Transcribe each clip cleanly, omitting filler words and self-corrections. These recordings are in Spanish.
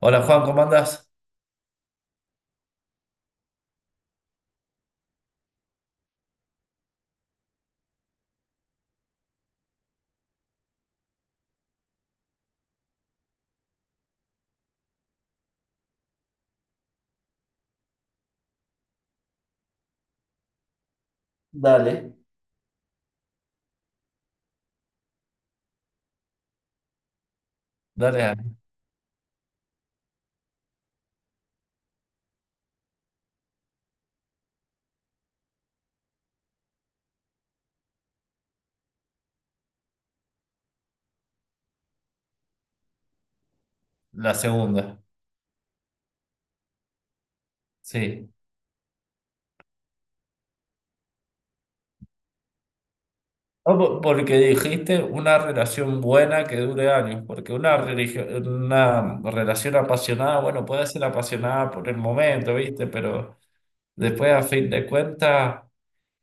Hola Juan, ¿cómo andás? Dale. Dale, a la segunda. Sí. Porque dijiste una relación buena que dure años, porque una relación apasionada, bueno, puede ser apasionada por el momento, ¿viste? Pero después, a fin de cuentas,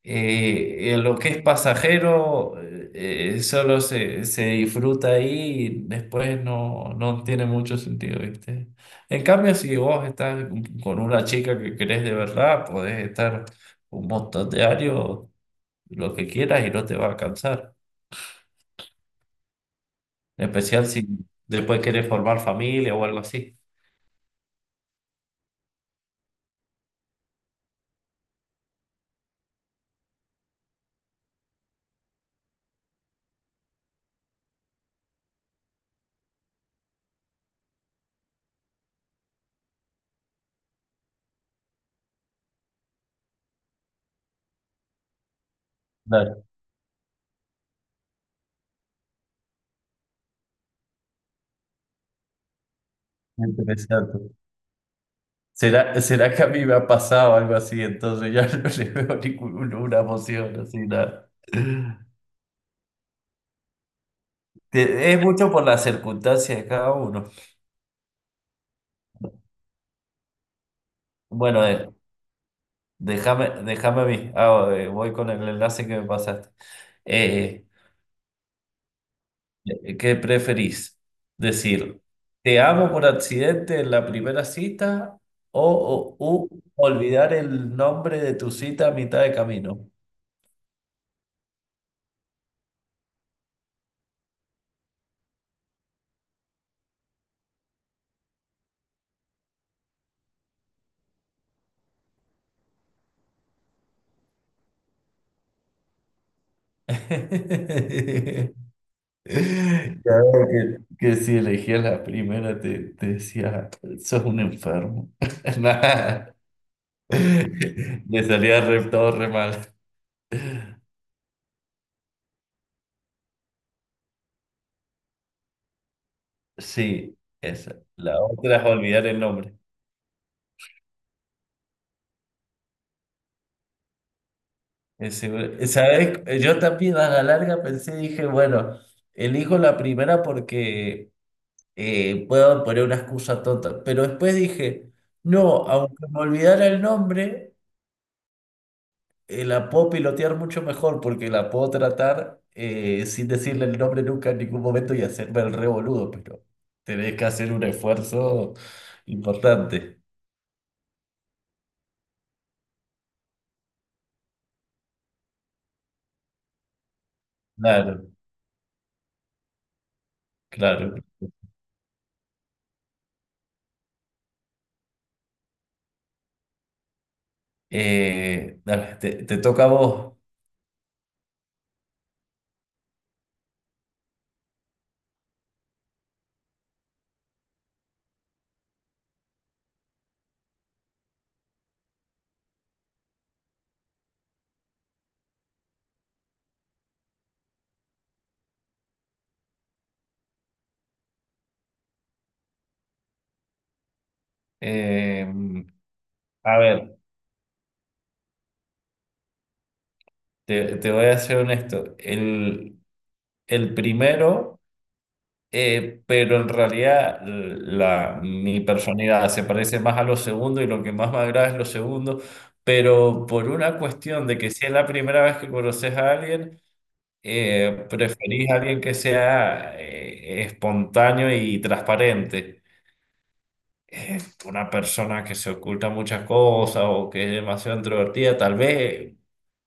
Lo que es pasajero solo se disfruta ahí y después no tiene mucho sentido, ¿viste? En cambio, si vos estás con una chica que querés de verdad, podés estar un montón de años, lo que quieras y no te va a cansar. En especial si después querés formar familia o algo así. Claro, interesante. ¿Será, será que a mí me ha pasado algo así? Entonces ya no le veo ninguna emoción así, nada. Es mucho por las circunstancias de cada uno. Bueno, déjame a mí. Voy con el enlace que me pasaste. Eh, ¿Qué preferís? Decir, ¿te amo por accidente en la primera cita o, u olvidar el nombre de tu cita a mitad de camino? Claro que si elegías la primera te decía, sos un enfermo. Nah. Le salía re, todo re mal. Sí, esa. La otra es olvidar el nombre. ¿Sabes? Yo también a la larga pensé, dije, bueno, elijo la primera porque puedo poner una excusa tonta. Pero después dije, no, aunque me olvidara el nombre, la puedo pilotear mucho mejor porque la puedo tratar sin decirle el nombre nunca en ningún momento y hacerme el re boludo, pero tenés que hacer un esfuerzo importante. Claro, claro. Dale, te toca a vos. Eh, a ver, te voy a ser honesto. El primero, pero en realidad mi personalidad se parece más a lo segundo y lo que más me agrada es lo segundo, pero por una cuestión de que si es la primera vez que conoces a alguien, preferís a alguien que sea espontáneo y transparente. eh, una persona que se oculta muchas cosas o que es demasiado introvertida, tal vez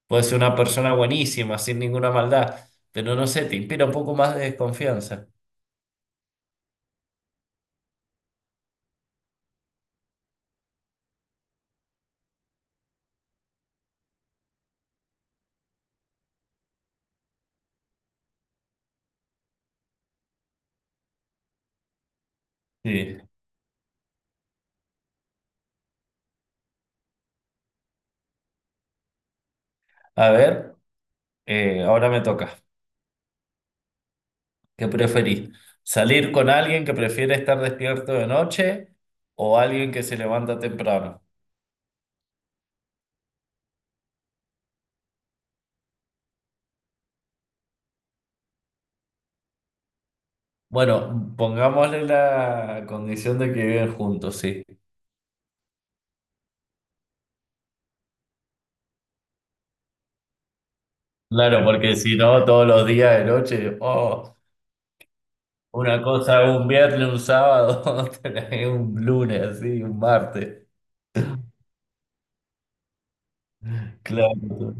puede ser una persona buenísima, sin ninguna maldad, pero no sé, te inspira un poco más de desconfianza. Sí. A ver, ahora me toca. ¿Qué preferís? ¿Salir con alguien que prefiere estar despierto de noche o alguien que se levanta temprano? Bueno, pongámosle la condición de que viven juntos, sí. Claro, porque si no, todos los días de noche, oh. Una cosa un viernes, un sábado, otra es un lunes, así, un martes. Claro.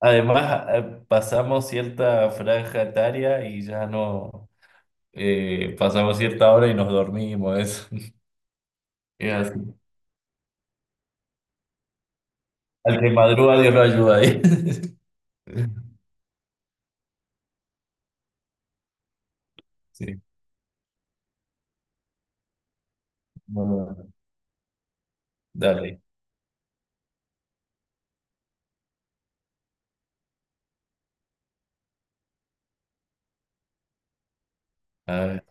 Además, pasamos cierta franja etaria y ya no pasamos cierta hora y nos dormimos, eso. Es así. Al que madruga, Dios lo ayuda ahí. Sí, bueno, dale. A ver.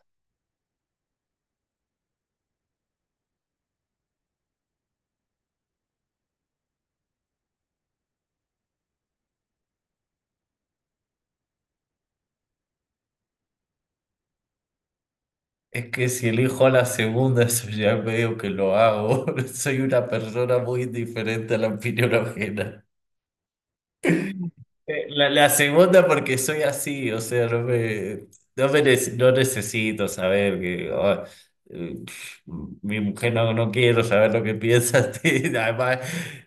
Es que si elijo a la segunda, eso ya veo que lo hago. Soy una persona muy diferente a la opinión ajena. La segunda porque soy así, o sea, no necesito saber que eh, mi mujer no quiero saber lo que piensa, sí, además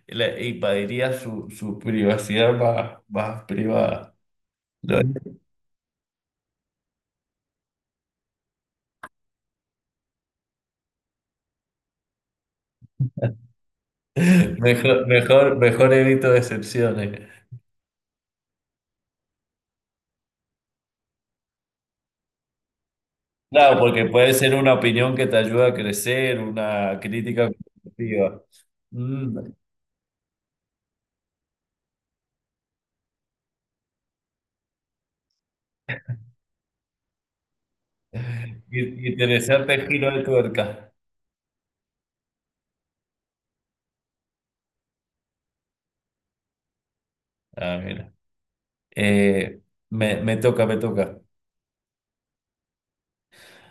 le invadiría su privacidad más privada. No, mejor evito decepciones. Claro, porque puede ser una opinión que te ayuda a crecer, una crítica constructiva. Mm, interesante giro de tuerca. Ah, mira. Eh, me toca.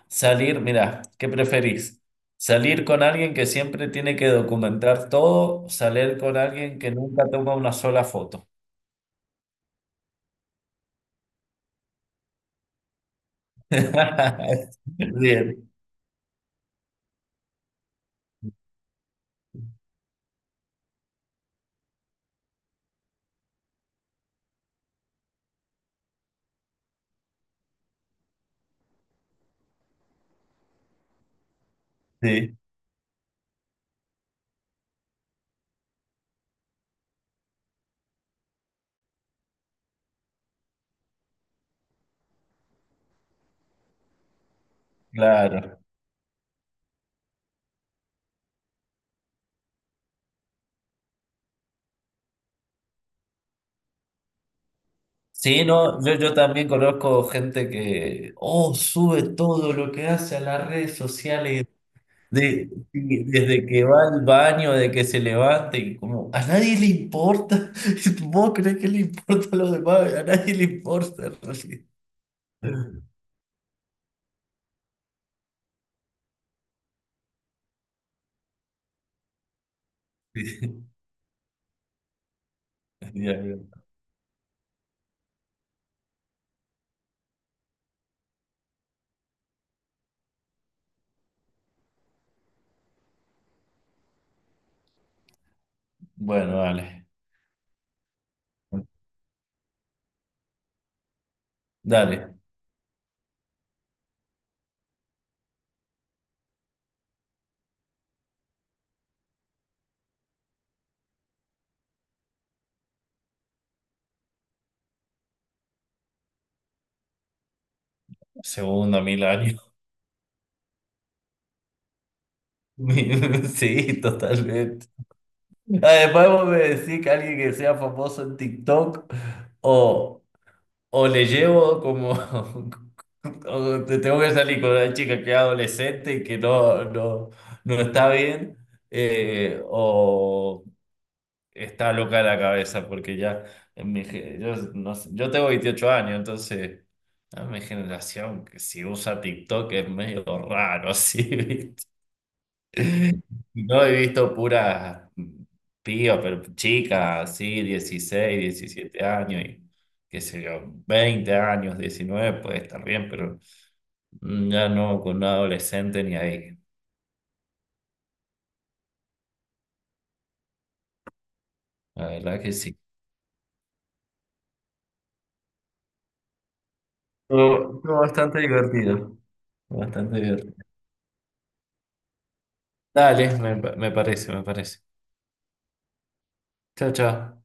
Salir, mira, ¿qué preferís? ¿Salir con alguien que siempre tiene que documentar todo o salir con alguien que nunca toma una sola foto? Bien, sí, claro. Sí, no, yo también conozco gente que, oh, sube todo lo que hace a las redes sociales. Sí, desde que va al baño, de que se levante, y como a nadie le importa. ¿Vos crees que le importa a los demás? A nadie le importa en realidad. Sí, sí, ya. Bueno, dale. Dale. Segundo mil años. Mi- Sí, totalmente. Además, vos me decís que alguien que sea famoso en TikTok o, o le llevo como, o te tengo que salir con una chica que es adolescente y que no, no está bien, o está loca de la cabeza, porque ya, en mi ge- yo, no sé, yo tengo 28 años, entonces, a mi generación, que si usa TikTok es medio raro, así, No he visto puras pías, pero chicas, así, 16 17 años y qué sé yo, 20 años, 19 puede estar bien, pero ya no con un adolescente ni ahí. La verdad que sí. Estuvo bastante divertido, bastante divertido. Dale, me parece, me parece. Chao, chao.